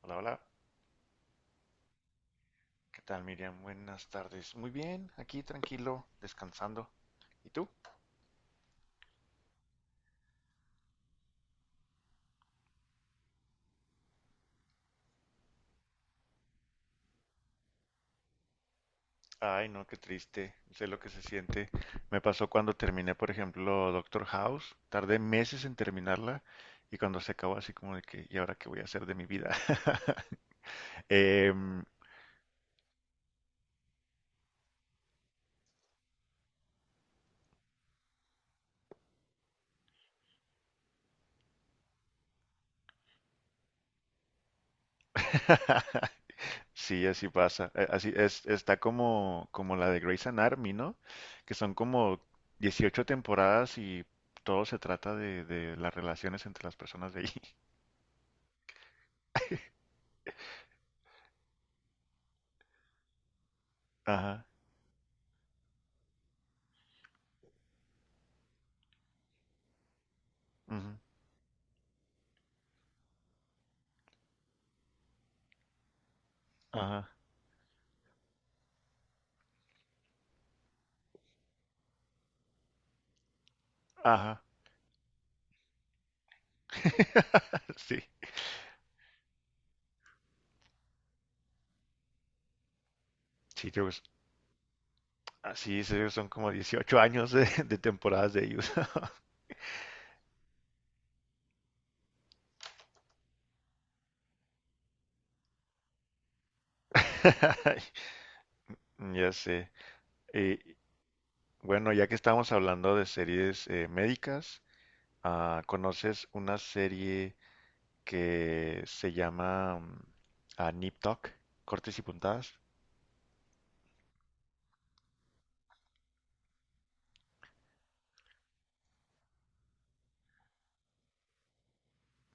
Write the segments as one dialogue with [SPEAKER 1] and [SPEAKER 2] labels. [SPEAKER 1] Hola, hola. ¿Qué tal, Miriam? Buenas tardes. Muy bien, aquí tranquilo, descansando. ¿Y tú? Ay, no, qué triste. Sé lo que se siente. Me pasó cuando terminé, por ejemplo, Doctor House. Tardé meses en terminarla y cuando se acabó así como de que, ¿y ahora qué voy a hacer de mi vida? Em, sí, así pasa. Así es, está como, como la de Grey's Anatomy, ¿no? Que son como 18 temporadas y todo se trata de las relaciones entre las personas de ahí. Ajá, ujú, ajá, ajá. Sí, sí, creo que es- así es, son como 18 años de temporadas de ellos. Ya sé. Eh, bueno, ya que estamos hablando de series médicas, ah, ¿conoces una serie que se llama ah, Nip Tuck? ¿Cortes y puntadas?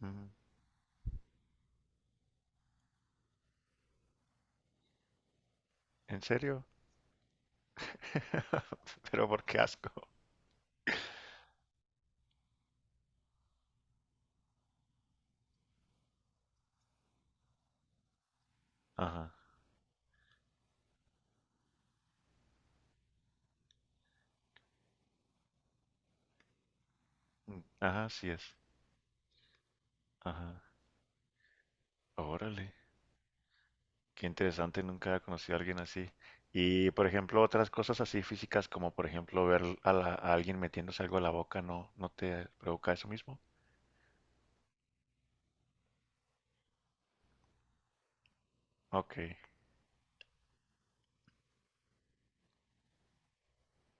[SPEAKER 1] Mm. ¿En serio? Pero por qué asco. Ajá, mm, ajá, sí es. Ajá, órale. Qué interesante, nunca había conocido a alguien así. Y por ejemplo, otras cosas así físicas, como por ejemplo ver a, a alguien metiéndose algo a la boca, ¿no, no te provoca eso mismo? Ok,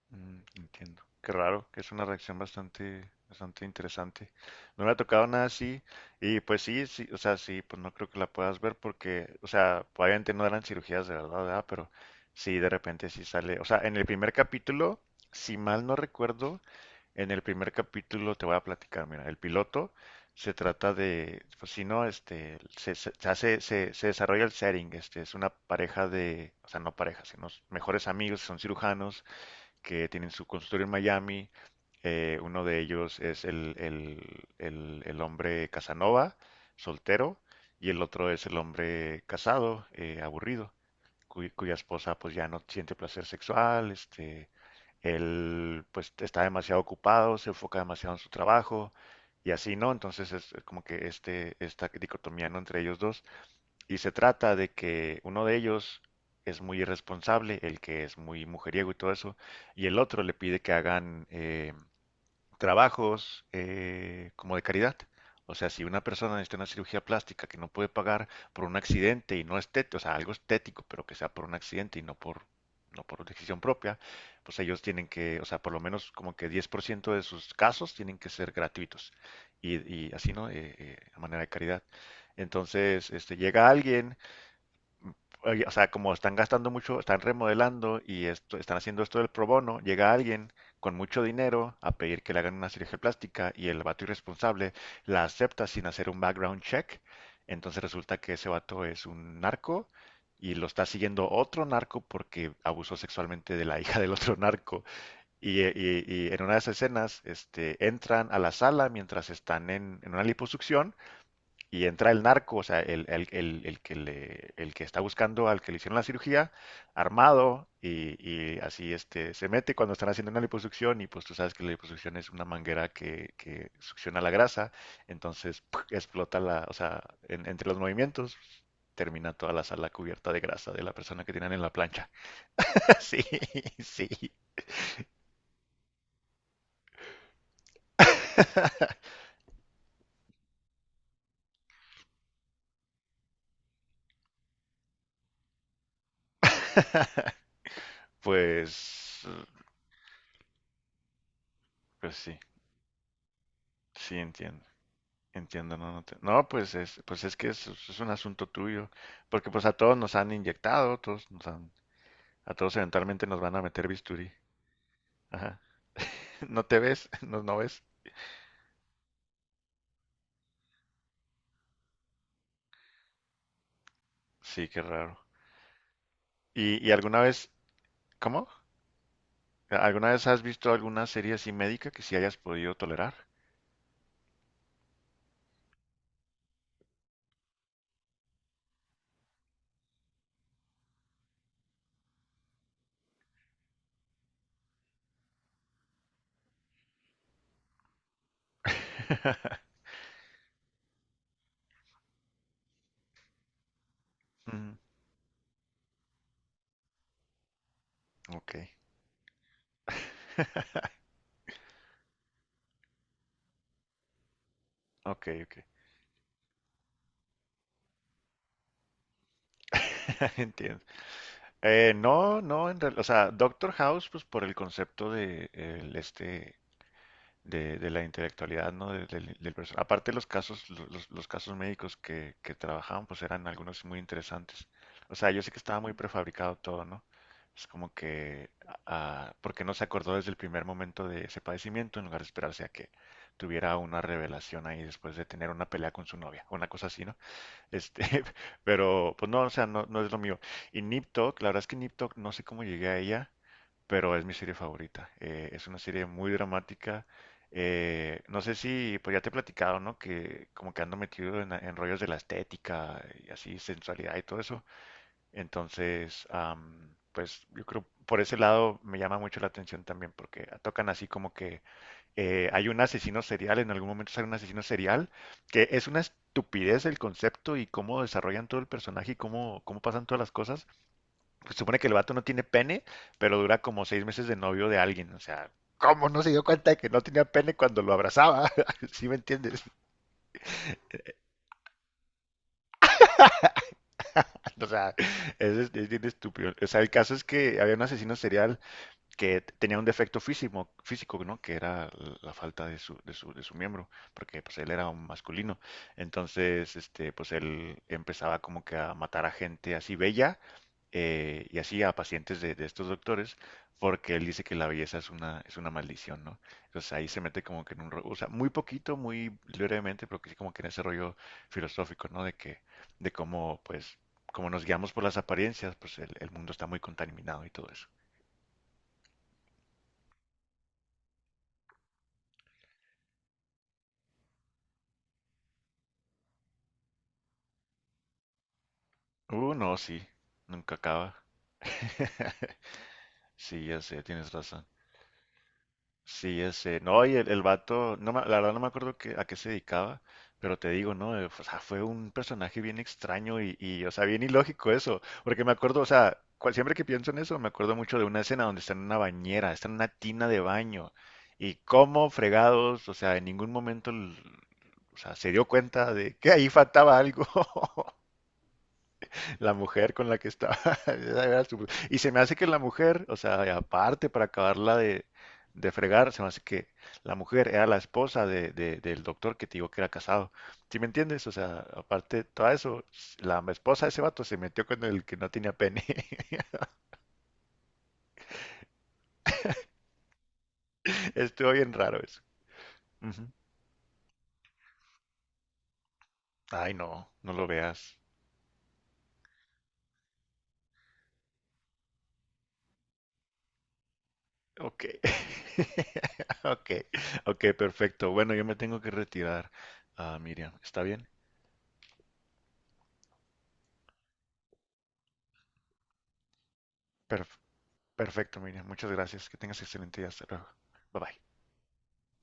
[SPEAKER 1] mm, entiendo. Qué raro, que es una reacción bastante, bastante interesante. No me ha tocado nada así, y pues sí, sí, o sea, sí, pues no creo que la puedas ver porque, o sea, obviamente no eran cirugías de verdad, ¿verdad? Pero sí, de repente sí sale. O sea, en el primer capítulo, si mal no recuerdo, en el primer capítulo te voy a platicar, mira, el piloto se trata de, pues si no, este, se desarrolla el setting, este, es una pareja de, o sea, no pareja, sino mejores amigos, son cirujanos que tienen su consultorio en Miami, uno de ellos es el hombre Casanova, soltero, y el otro es el hombre casado, aburrido cuya esposa pues ya no siente placer sexual, este, él pues está demasiado ocupado, se enfoca demasiado en su trabajo y así, ¿no? Entonces es como que este, esta dicotomía, ¿no? Entre ellos dos. Y se trata de que uno de ellos es muy irresponsable, el que es muy mujeriego y todo eso, y el otro le pide que hagan trabajos como de caridad. O sea, si una persona necesita una cirugía plástica que no puede pagar por un accidente y no estético, o sea, algo estético, pero que sea por un accidente no por decisión propia, pues ellos tienen que, o sea, por lo menos como que 10% de sus casos tienen que ser gratuitos. Y, y así, ¿no? A manera de caridad. Entonces, este, llega alguien oye, o sea, como están gastando mucho, están remodelando y esto, están haciendo esto del pro bono, llega alguien con mucho dinero a pedir que le hagan una cirugía plástica y el vato irresponsable la acepta sin hacer un background check. Entonces resulta que ese vato es un narco y lo está siguiendo otro narco porque abusó sexualmente de la hija del otro narco. Y, y en una de esas escenas, este, entran a la sala mientras están en una liposucción y entra el narco, o sea, el que el que está buscando al que le hicieron la cirugía, armado, y así este, se mete cuando están haciendo una liposucción, y pues tú sabes que la liposucción es una manguera que succiona la grasa, entonces ¡puc! Explota la, o sea, entre los movimientos termina toda la sala cubierta de grasa de la persona que tienen en la plancha. Sí, sí. Pues, pues sí, sí entiendo. Entiendo, no, no, pues es que es un asunto tuyo, porque pues a todos nos han inyectado, todos nos han, a todos eventualmente nos van a meter bisturí. Ajá. ¿No te ves? ¿No, no ves? Sí, qué raro. Y alguna vez, cómo? ¿Alguna vez has visto alguna serie así médica que sí hayas podido tolerar? Mm, ok, ok, ok, entiendo. No, o sea, Doctor House, pues por el concepto de el, este de la intelectualidad, ¿no? Aparte los casos, los casos médicos que trabajaban, pues eran algunos muy interesantes. O sea, yo sé que estaba muy prefabricado todo, ¿no? Es como que, ah, porque no se acordó desde el primer momento de ese padecimiento en lugar de esperarse a que tuviera una revelación ahí después de tener una pelea con su novia, una cosa así, ¿no? Este, pero pues no, o sea, no, no es lo mío. Y Nip Tuck, la verdad es que Nip Tuck, no sé cómo llegué a ella, pero es mi serie favorita. Es una serie muy dramática. No sé si, pues ya te he platicado, ¿no? Que como que ando metido en rollos de la estética y así, sensualidad y todo eso. Entonces, am, pues yo creo por ese lado me llama mucho la atención también, porque tocan así como que hay un asesino serial, en algún momento sale un asesino serial, que es una estupidez el concepto y cómo desarrollan todo el personaje y cómo, cómo pasan todas las cosas, se supone que el vato no tiene pene, pero dura como seis meses de novio de alguien. O sea, ¿cómo no se dio cuenta de que no tenía pene cuando lo abrazaba? ¿Sí me entiendes? O sea, es bien estúpido. O sea, el caso es que había un asesino serial que tenía un defecto físico, físico, ¿no? Que era la falta de de su miembro, porque pues él era un masculino. Entonces, este, pues él empezaba como que a matar a gente así bella, y así a pacientes de estos doctores, porque él dice que la belleza es una maldición, ¿no? Entonces ahí se mete como que en un rollo, o sea, muy poquito, muy brevemente, pero que sí como que en ese rollo filosófico, ¿no? De que, de cómo, pues, como nos guiamos por las apariencias, pues el mundo está muy contaminado y todo eso. No, sí, nunca acaba. Sí, ya sé, tienes razón. Sí, ya sé. No, y el vato, la verdad no me acuerdo a qué se dedicaba, pero te digo, ¿no? O sea, fue un personaje bien extraño y, o sea, bien ilógico eso. Porque me acuerdo, o sea, siempre que pienso en eso, me acuerdo mucho de una escena donde está en una bañera, está en una tina de baño. Y cómo fregados, o sea, en ningún momento, o sea, se dio cuenta de que ahí faltaba algo. La mujer con la que estaba. Y se me hace que la mujer, o sea, y aparte para acabarla de fregar, se me hace que la mujer era la esposa del doctor que te digo que era casado. ¿Sí me entiendes? O sea, aparte de todo eso, la esposa de ese vato se metió con el que no tenía pene. Estuvo bien raro eso. Ujú. Ay, no, no lo veas. Ok. Ok, ok, perfecto. Bueno, yo me tengo que retirar, ah, Miriam. ¿Está bien? Perfecto. Perfecto, Miriam. Muchas gracias. Que tengas excelente día. Hasta luego. Bye bye.